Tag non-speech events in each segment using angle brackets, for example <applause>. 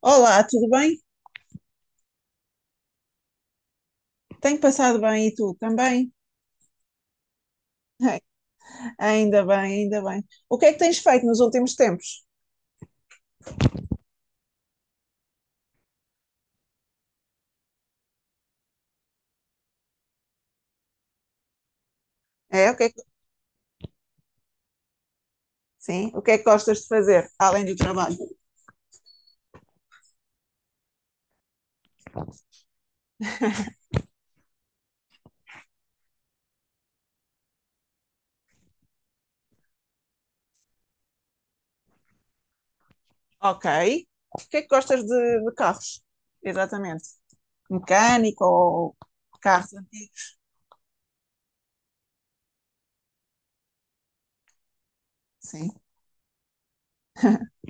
Olá, tudo bem? Tenho passado bem e tu também? <laughs> Ainda bem, ainda bem. O que é que tens feito nos últimos tempos? É, o que é que, sim, o que é que gostas de fazer além do trabalho? <laughs> Ok. O que é que gostas de carros? Exatamente. Mecânico ou carros antigos? Sim. <laughs>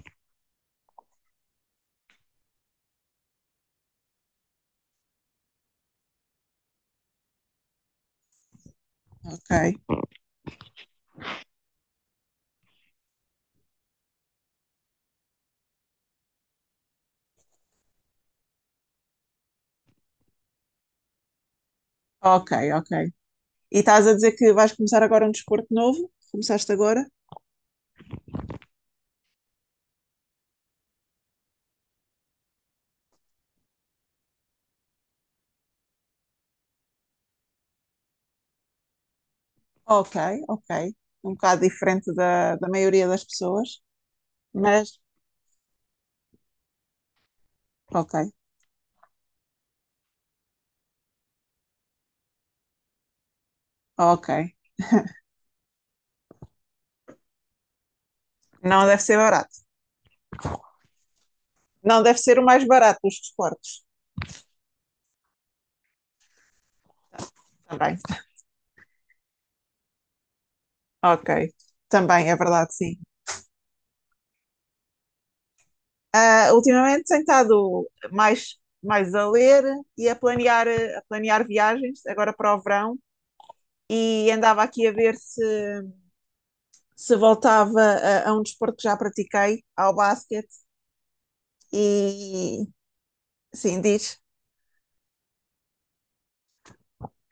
Ok. Ok, ok. E estás a dizer que vais começar agora um desporto novo? Começaste agora? Ok, ok. Um bocado diferente da maioria das pessoas, mas ok, ok. Não deve ser barato. Não deve ser o mais barato dos desportos. Também. Ok. Também, é verdade, sim. Ah, ultimamente tenho estado mais a ler e a planear viagens, agora para o verão, e andava aqui a ver se voltava a um desporto que já pratiquei, ao basquete. E sim, diz.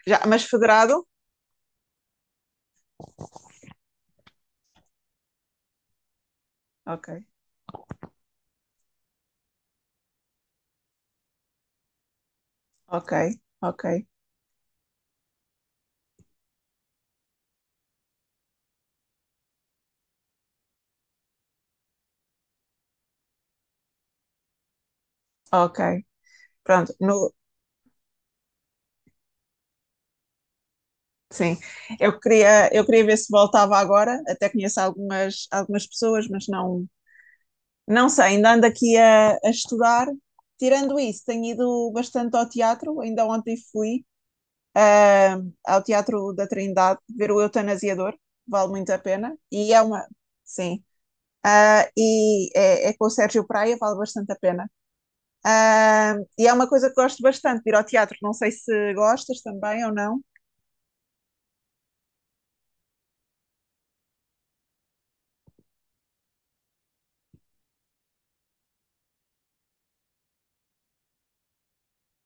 Já, mas federado? Ok, ok, ok, ok. Pronto, no, sim. Eu queria ver se voltava agora. Até conheço algumas pessoas, mas não, não sei. Ainda ando aqui a estudar. Tirando isso, tenho ido bastante ao teatro. Ainda ontem fui ao Teatro da Trindade ver o Eutanasiador. Vale muito a pena. E é uma. Sim. Ah, é com o Sérgio Praia, vale bastante a pena. Ah, e é uma coisa que gosto bastante, de ir ao teatro. Não sei se gostas também ou não.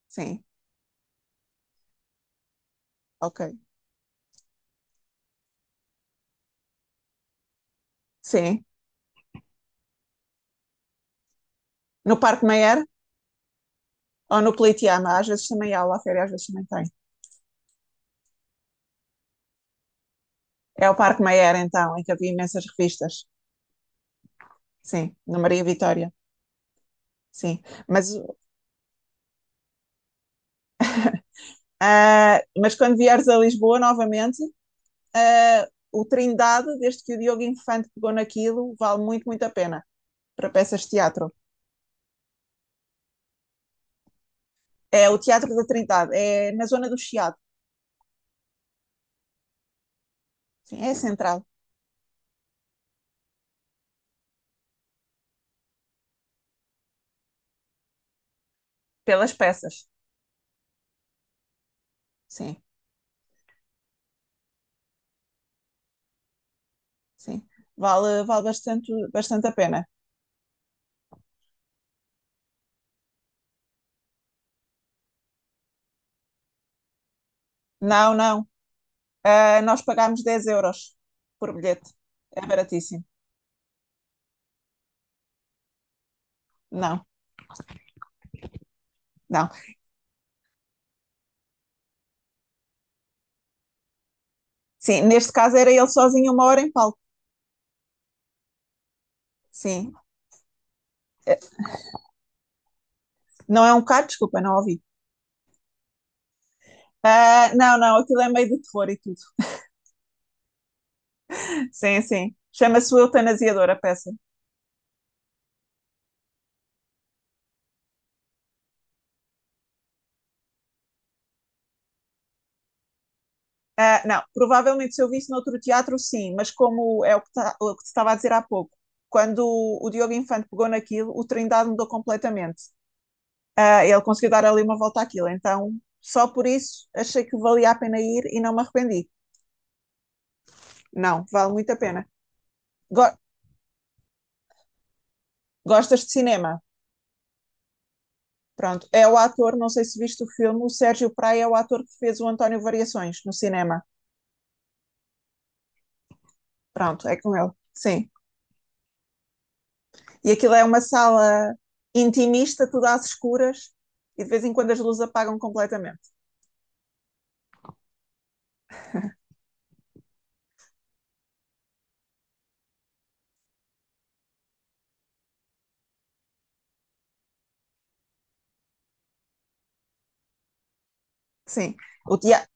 Sim, ok. Sim. No Parque Mayer ou no Politeama, às vezes também há, lá férias, às vezes também tem. É o Parque Mayer, então, em que havia imensas revistas. Sim, no Maria Vitória. Sim. Mas, ah, mas quando vieres a Lisboa novamente, ah, o Trindade, desde que o Diogo Infante pegou naquilo, vale muito, muito a pena para peças de teatro. É o Teatro da Trindade, é na zona do Chiado. Sim, é central, pelas peças. Sim, sim. Vale, vale bastante, bastante a pena. Não, não. Ah, nós pagámos 10 euros por bilhete. É baratíssimo. Não, não. Sim, neste caso era ele sozinho uma hora em palco. Sim. Eh, Não é um bocado, desculpa, não ouvi. Ah, não, não, aquilo é meio de terror e tudo. Sim, sim. Chama-se o eutanasiador a peça. Ah, não, provavelmente se eu visse noutro teatro, sim, mas como é o que, o que te estava a dizer há pouco, quando o Diogo Infante pegou naquilo, o Trindade mudou completamente. Ah, ele conseguiu dar ali uma volta àquilo. Então, só por isso, achei que valia a pena ir e não me arrependi. Não, vale muito a pena. Go- Gostas de cinema? Pronto. É o ator, não sei se viste o filme, o Sérgio Praia é o ator que fez o António Variações no cinema. Pronto, é com ele. Sim. E aquilo é uma sala intimista, tudo às escuras, e de vez em quando as luzes apagam completamente. Sim. O tea-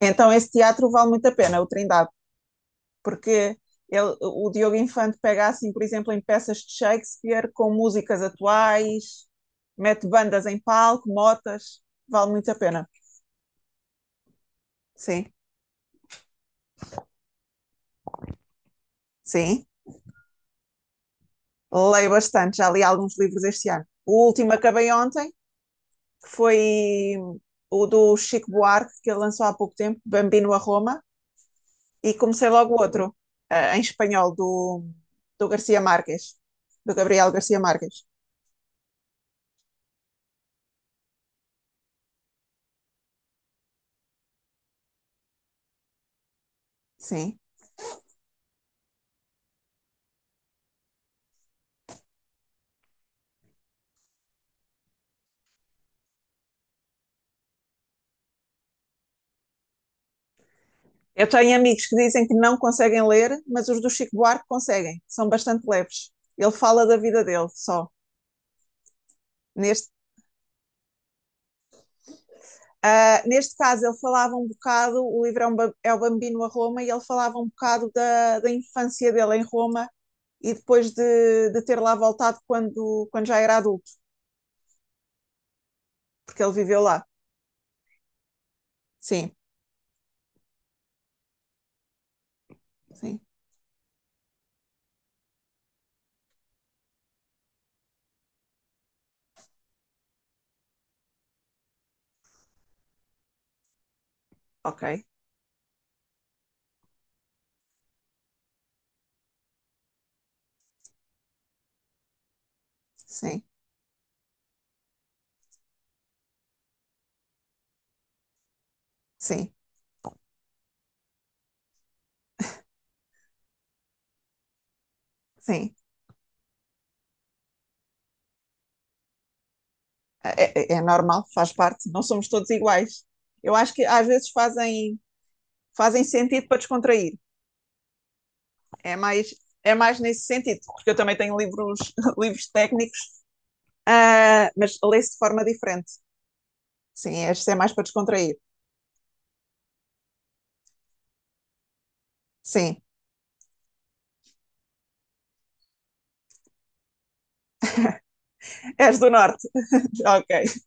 Então, esse teatro vale muito a pena, o Trindade. Porque ele, o Diogo Infante pega assim, por exemplo, em peças de Shakespeare com músicas atuais, mete bandas em palco, motas, vale muito a pena. Sim, sim, leio bastante, já li alguns livros este ano. O último acabei ontem, que foi o do Chico Buarque, que ele lançou há pouco tempo, Bambino a Roma, e comecei logo outro, em espanhol, do Garcia Marques, do Gabriel Garcia Marques. Sim. Eu tenho amigos que dizem que não conseguem ler, mas os do Chico Buarque conseguem, são bastante leves. Ele fala da vida dele só. Neste, ah, neste caso, ele falava um bocado, o livro é, um é o Bambino a Roma, e ele falava um bocado da infância dele em Roma e depois de ter lá voltado quando, quando já era adulto, porque ele viveu lá. Sim, sim, ok, sim, sim, sim. É, é normal, faz parte, não somos todos iguais. Eu acho que às vezes fazem sentido para descontrair. É mais, é mais nesse sentido, porque eu também tenho livros, <laughs> livros técnicos, ah, mas leio-se de forma diferente. Sim, este é mais para descontrair. Sim. És do norte? <laughs> Ok.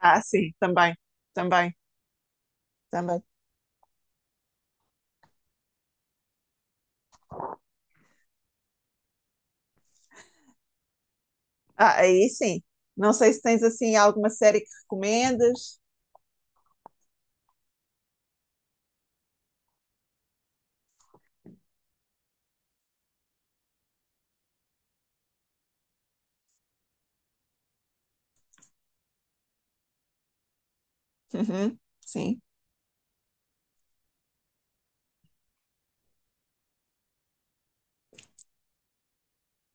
Ah, sim, também, também, também. Ah, aí sim. Não sei se tens assim alguma série que recomendas. Uhum, sim,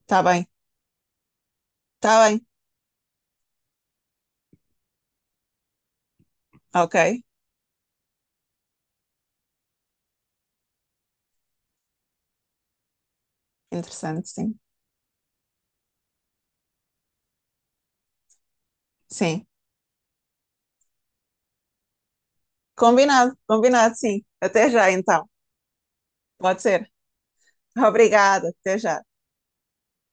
está bem, está bem. Ok, interessante, sim. Sim, combinado, combinado, sim. Até já então. Pode ser. Obrigada, até já.